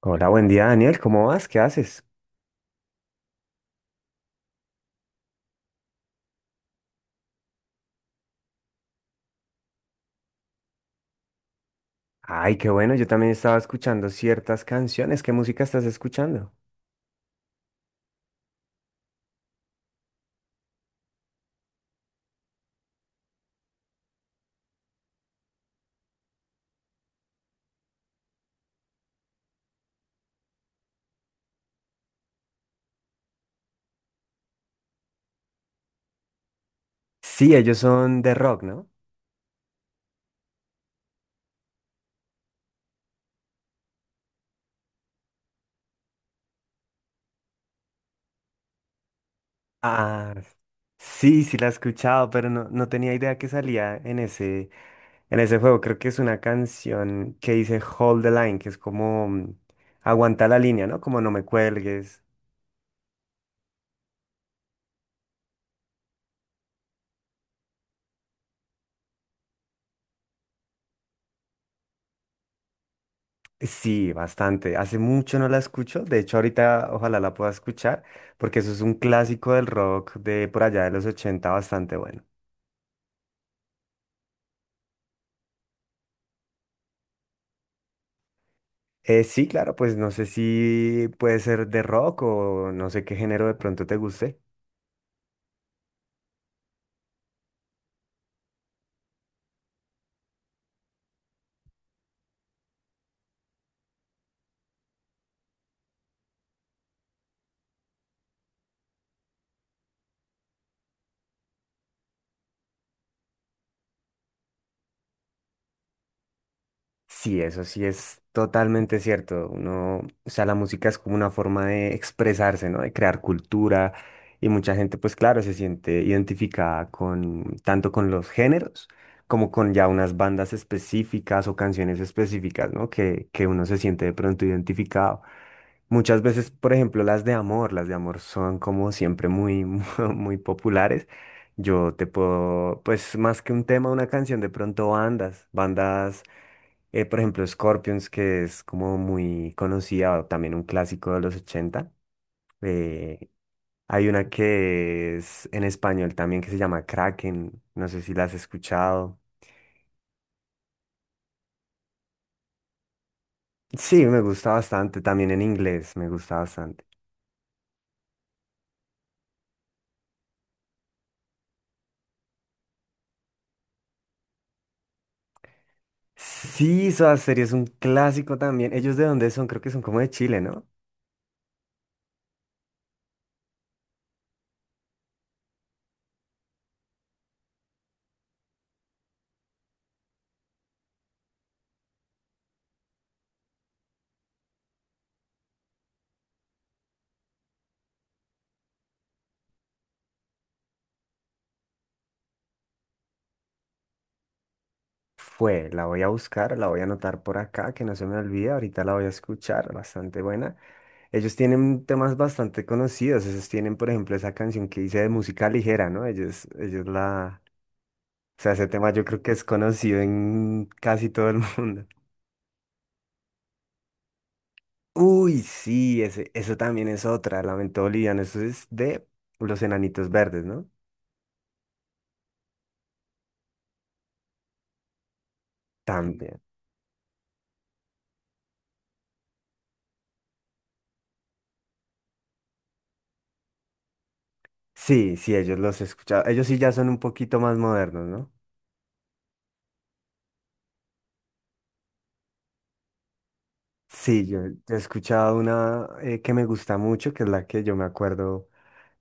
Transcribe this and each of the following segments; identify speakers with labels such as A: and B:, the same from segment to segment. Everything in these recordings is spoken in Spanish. A: Hola, buen día Daniel, ¿cómo vas? ¿Qué haces? Ay, qué bueno, yo también estaba escuchando ciertas canciones. ¿Qué música estás escuchando? Sí, ellos son de rock, ¿no? Ah, sí, la he escuchado, pero no, tenía idea que salía en ese juego. Creo que es una canción que dice Hold the Line, que es como aguanta la línea, ¿no? Como no me cuelgues. Sí, bastante. Hace mucho no la escucho. De hecho, ahorita ojalá la pueda escuchar, porque eso es un clásico del rock de por allá de los 80, bastante bueno. Sí, claro, pues no sé si puede ser de rock o no sé qué género de pronto te guste. Sí, eso sí es totalmente cierto. Uno, o sea, la música es como una forma de expresarse, ¿no? De crear cultura y mucha gente, pues claro, se siente identificada con tanto con los géneros como con ya unas bandas específicas o canciones específicas, ¿no? Que uno se siente de pronto identificado. Muchas veces, por ejemplo, las de amor son como siempre muy, muy populares. Yo te puedo, pues más que un tema, una canción, de pronto bandas, por ejemplo, Scorpions, que es como muy conocida, o también un clásico de los ochenta. Eh, Hay una que es en español también que se llama Kraken, no sé si la has escuchado. Sí, me gusta bastante, también en inglés, me gusta bastante. Sí, Soda Stereo es un clásico también. ¿Ellos de dónde son? Creo que son como de Chile, ¿no? Fue, la voy a buscar, la voy a anotar por acá, que no se me olvide, ahorita la voy a escuchar, bastante buena. Ellos tienen temas bastante conocidos, ellos tienen, por ejemplo, esa canción que hice de música ligera, ¿no? Ellos la... O sea, ese tema yo creo que es conocido en casi todo el mundo. Uy, sí, ese, eso también es otra, Lamento Boliviano, eso es de Los Enanitos Verdes, ¿no? También. Sí, sí, ellos los he escuchado. Ellos sí ya son un poquito más modernos, ¿no? Sí, yo, he escuchado una que me gusta mucho, que es la que yo me acuerdo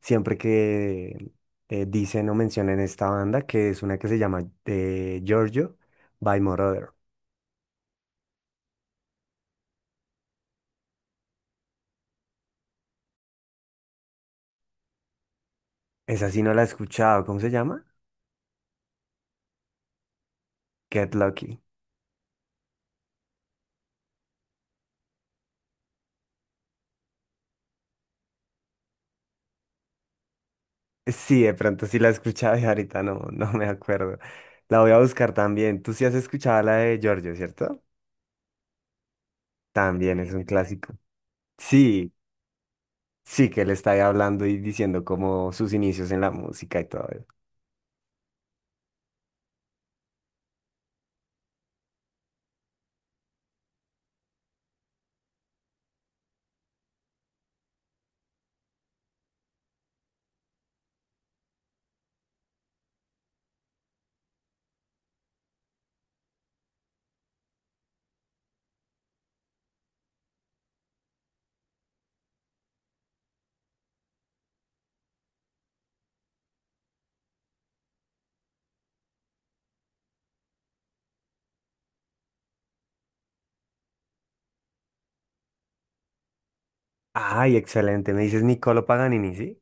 A: siempre que dicen o mencionan esta banda, que es una que se llama Giorgio by Moroder. Esa sí no la he escuchado, ¿cómo se llama? Get Lucky. Sí, de pronto sí la he escuchado y ahorita no, no me acuerdo. La voy a buscar también. Tú sí has escuchado la de Giorgio, ¿cierto? También es un clásico. Sí. Sí, que él está ahí hablando y diciendo como sus inicios en la música y todo eso. Ay, excelente. Me dices Niccolo Paganini, ¿sí?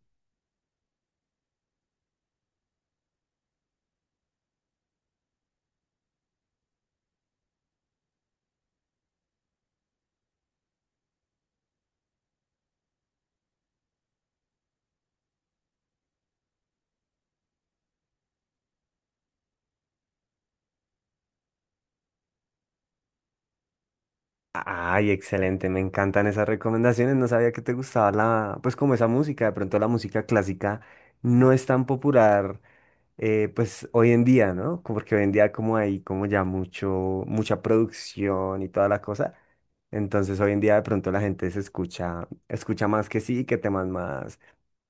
A: Ay, excelente. Me encantan esas recomendaciones. No sabía que te gustaba la, pues como esa música. De pronto la música clásica no es tan popular, pues hoy en día, ¿no? Como porque hoy en día como hay como ya mucho, mucha producción y toda la cosa. Entonces hoy en día de pronto la gente se escucha, escucha más que sí, que temas más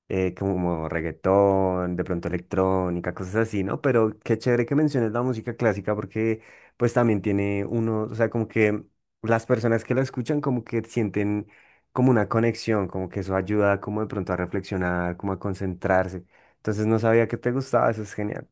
A: como reggaetón, de pronto electrónica, cosas así, ¿no? Pero qué chévere que menciones la música clásica porque pues también tiene uno, o sea, como que las personas que la escuchan como que sienten como una conexión, como que eso ayuda como de pronto a reflexionar, como a concentrarse. Entonces no sabía que te gustaba, eso es genial.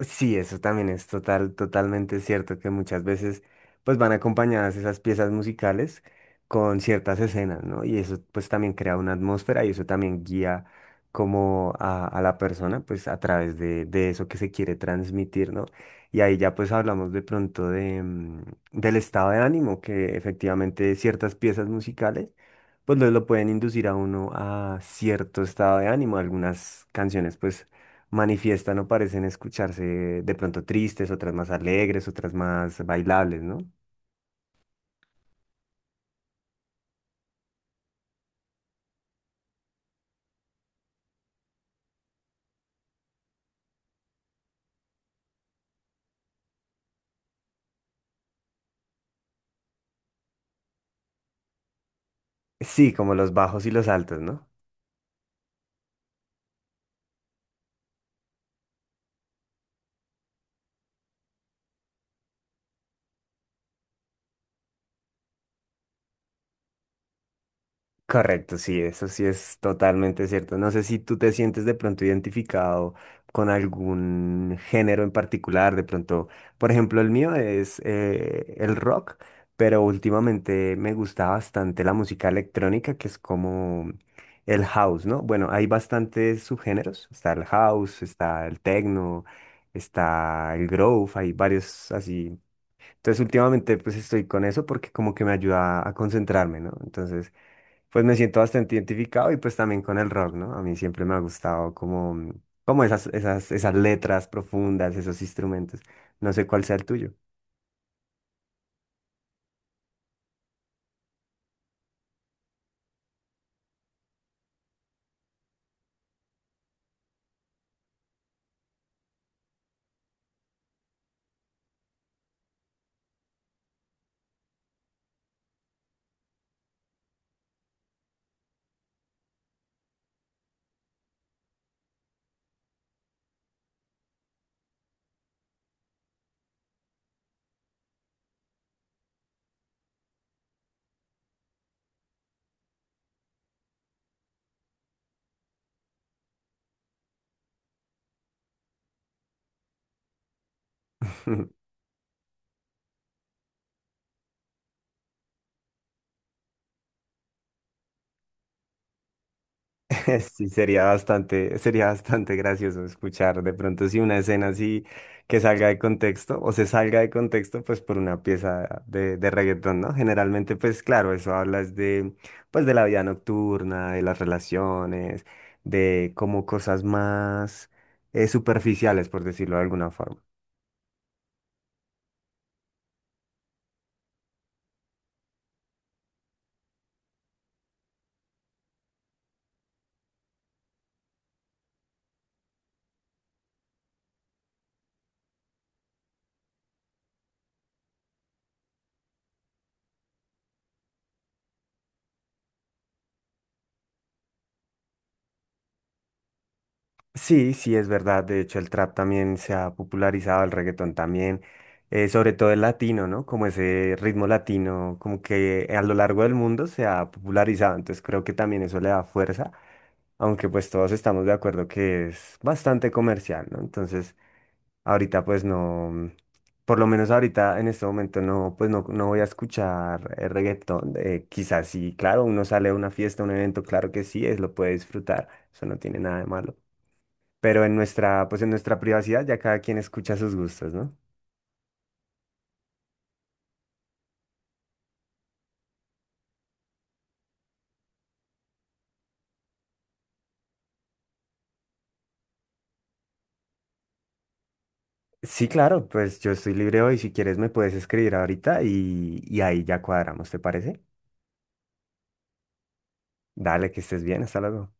A: Sí, eso también es total, totalmente cierto que muchas veces pues van acompañadas esas piezas musicales con ciertas escenas, ¿no? Y eso pues también crea una atmósfera y eso también guía como a la persona pues a través de eso que se quiere transmitir, ¿no? Y ahí ya pues hablamos de pronto de, del estado de ánimo que efectivamente ciertas piezas musicales pues lo pueden inducir a uno a cierto estado de ánimo. Algunas canciones pues manifiestan o parecen escucharse de pronto tristes, otras más alegres, otras más bailables, ¿no? Sí, como los bajos y los altos, ¿no? Correcto, sí, eso sí es totalmente cierto. No sé si tú te sientes de pronto identificado con algún género en particular, de pronto, por ejemplo, el mío es el rock, pero últimamente me gusta bastante la música electrónica, que es como el house, ¿no? Bueno, hay bastantes subgéneros, está el house, está el techno, está el groove, hay varios así. Entonces últimamente pues estoy con eso porque como que me ayuda a concentrarme, ¿no? Entonces pues me siento bastante identificado y pues también con el rock, ¿no? A mí siempre me ha gustado como, como esas letras profundas, esos instrumentos. No sé cuál sea el tuyo. Sí, sería bastante gracioso escuchar de pronto si una escena así que salga de contexto o se salga de contexto pues por una pieza de reggaetón, ¿no? Generalmente pues claro, eso hablas de pues de la vida nocturna, de las relaciones, de como cosas más superficiales por decirlo de alguna forma. Sí, sí, es verdad. De hecho, el trap también se ha popularizado, el reggaetón también, sobre todo el latino, ¿no? Como ese ritmo latino, como que a lo largo del mundo se ha popularizado. Entonces creo que también eso le da fuerza, aunque pues todos estamos de acuerdo que es bastante comercial, ¿no? Entonces, ahorita pues no, por lo menos ahorita en este momento no, pues no, no voy a escuchar reggaetón. Quizás sí, claro, uno sale a una fiesta, a un evento, claro que sí, es, lo puede disfrutar. Eso no tiene nada de malo. Pero en nuestra, pues en nuestra privacidad ya cada quien escucha sus gustos, ¿no? Sí, claro, pues yo estoy libre hoy. Si quieres me puedes escribir ahorita y ahí ya cuadramos, ¿te parece? Dale, que estés bien, hasta luego.